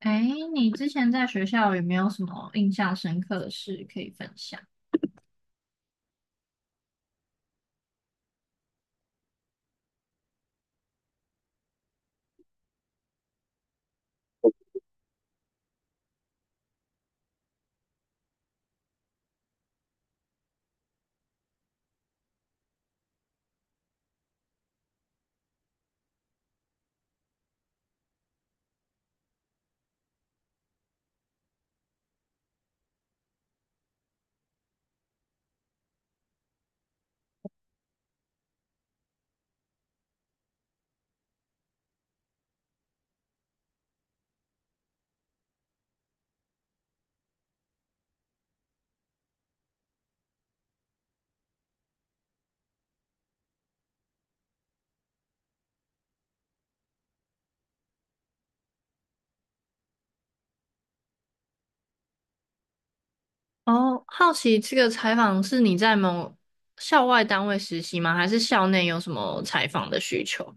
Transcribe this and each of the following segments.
哎，你之前在学校有没有什么印象深刻的事可以分享？哦，好奇这个采访是你在某校外单位实习吗？还是校内有什么采访的需求？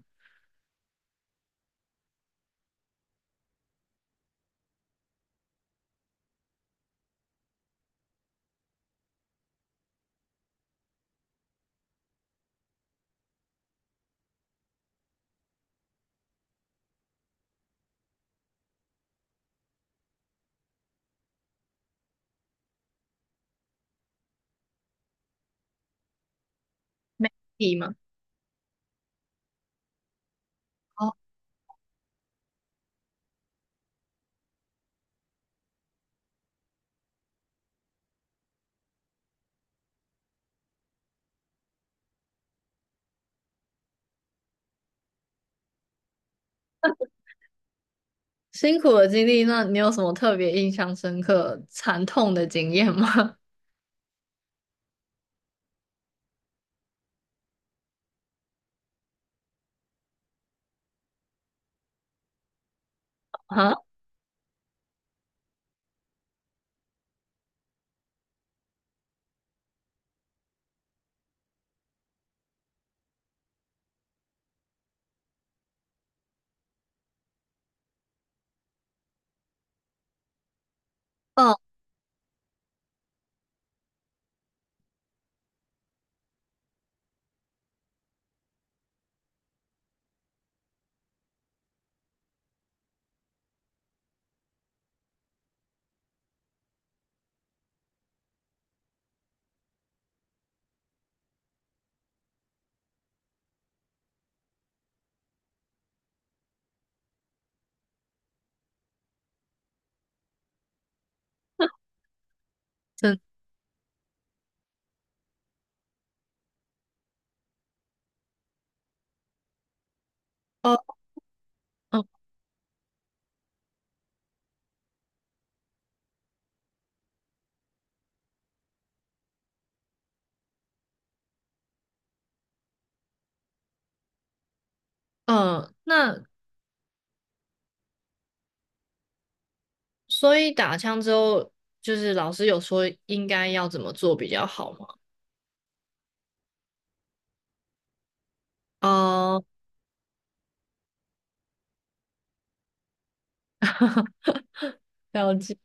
媒体吗？哦，辛苦的经历，那你有什么特别印象深刻、惨痛的经验吗？啊，哦，真，哦，嗯嗯，那所以打枪之后，就是老师有说应该要怎么做比较好吗？哦，了解。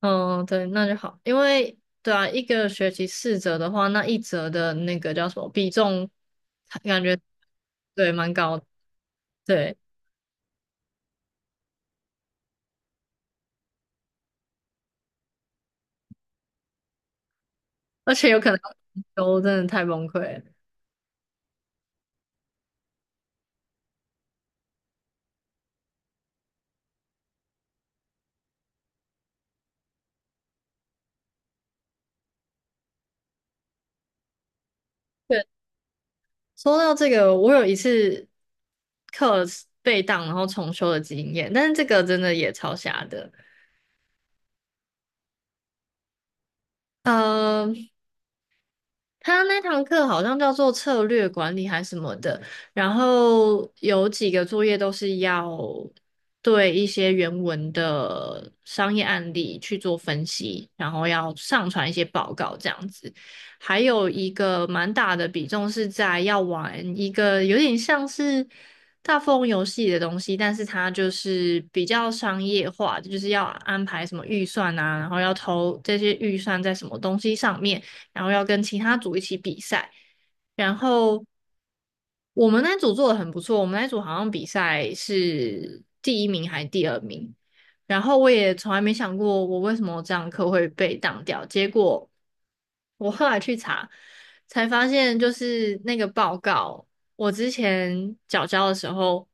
嗯，对，那就好，因为对啊，一个学期四折的话，那一折的那个叫什么比重，感觉对蛮高的，对，而且有可能要重修，真的太崩溃了。对，说到这个，我有一次课被当然后重修的经验，但是这个真的也超瞎的。嗯。他那堂课好像叫做策略管理还什么的，然后有几个作业都是要对一些原文的商业案例去做分析，然后要上传一些报告这样子。还有一个蛮大的比重是在要玩一个有点像是大富翁游戏的东西，但是它就是比较商业化，就是要安排什么预算啊，然后要投这些预算在什么东西上面。然后要跟其他组一起比赛。然后我们那组做的很不错，我们那组好像比赛是第一名还是第二名。然后我也从来没想过我为什么这堂课会被挡掉，结果我后来去查，才发现就是那个报告，我之前缴交的时候，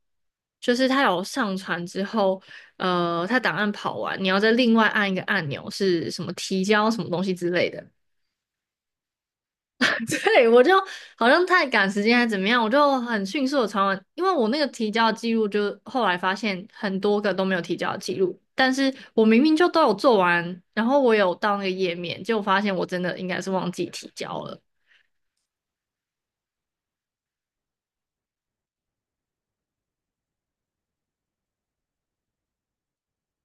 就是他有上传之后，他档案跑完，你要再另外按一个按钮，是什么提交什么东西之类的。对，我就好像太赶时间还是怎么样，我就很迅速的传完，因为我那个提交记录就后来发现很多个都没有提交记录，但是我明明就都有做完，然后我有到那个页面，结果发现我真的应该是忘记提交了。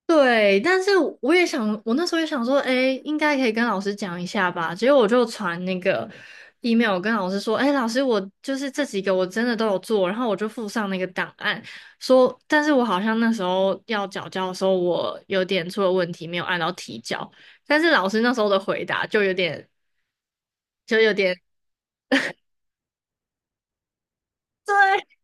对，但是我也想，我那时候也想说，哎，应该可以跟老师讲一下吧。结果我就传那个 email 跟老师说，哎，老师，我就是这几个我真的都有做，然后我就附上那个档案，说，但是我好像那时候要缴交的时候，我有点出了问题，没有按到提交。但是老师那时候的回答就有点，就有点，对，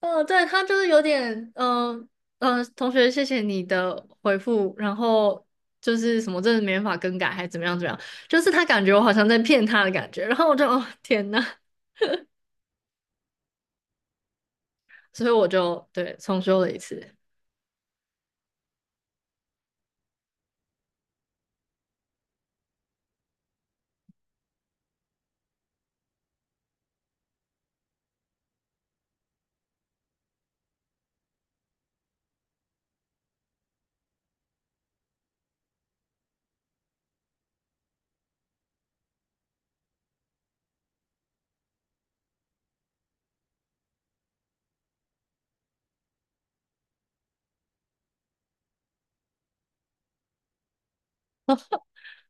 哦，对，他就是有点，嗯、同学，谢谢你的回复，然后就是什么，真的没办法更改，还怎么样怎么样，就是他感觉我好像在骗他的感觉，然后我就，哦，天呐，所以我就对重修了一次，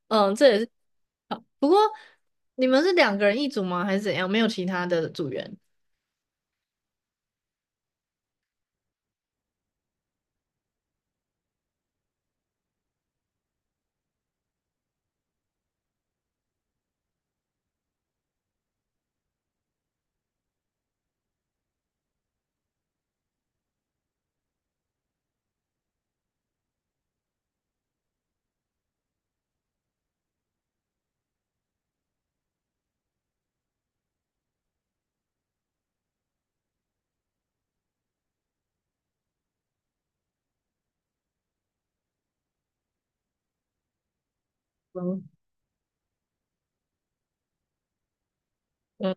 嗯，这也是，不过你们是两个人一组吗？还是怎样？没有其他的组员？嗯嗯，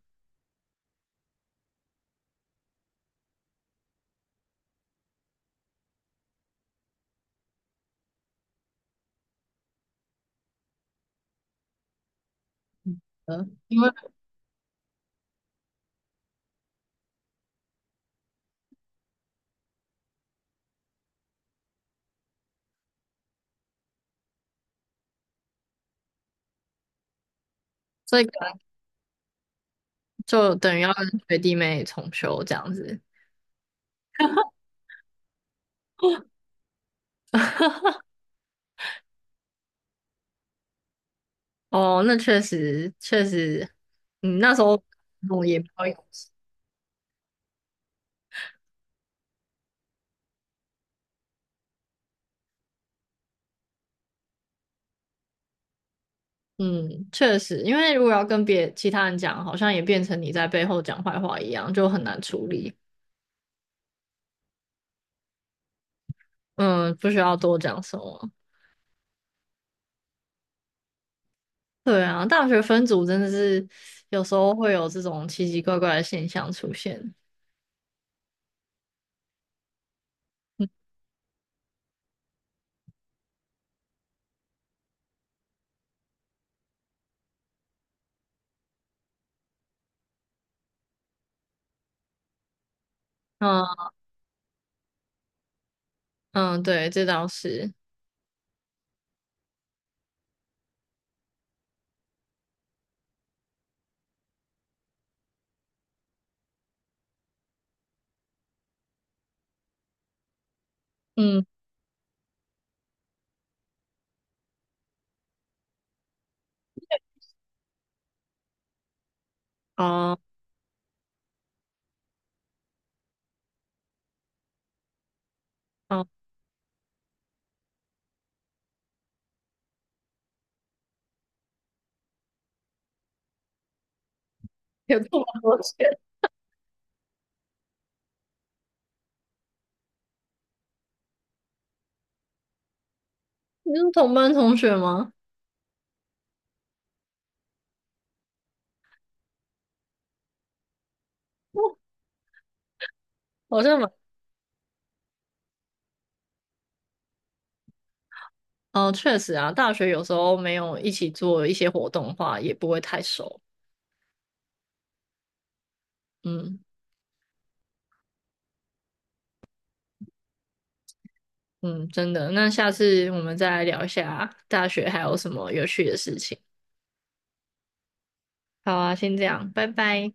嗯因为这个就等于要跟学弟妹重修这样子。哦，那确实确实，嗯，那时候我也没有。嗯，确实，因为如果要跟别其他人讲，好像也变成你在背后讲坏话一样，就很难处理。嗯，不需要多讲什么。对啊，大学分组真的是有时候会有这种奇奇怪怪的现象出现。嗯嗯，对，这倒是。嗯，哦哦，有这么多钱？你是同班同学吗？好像蛮……哦，确实啊，大学有时候没有一起做一些活动的话，也不会太熟。嗯。嗯，真的。那下次我们再来聊一下大学还有什么有趣的事情。好啊，先这样，拜拜。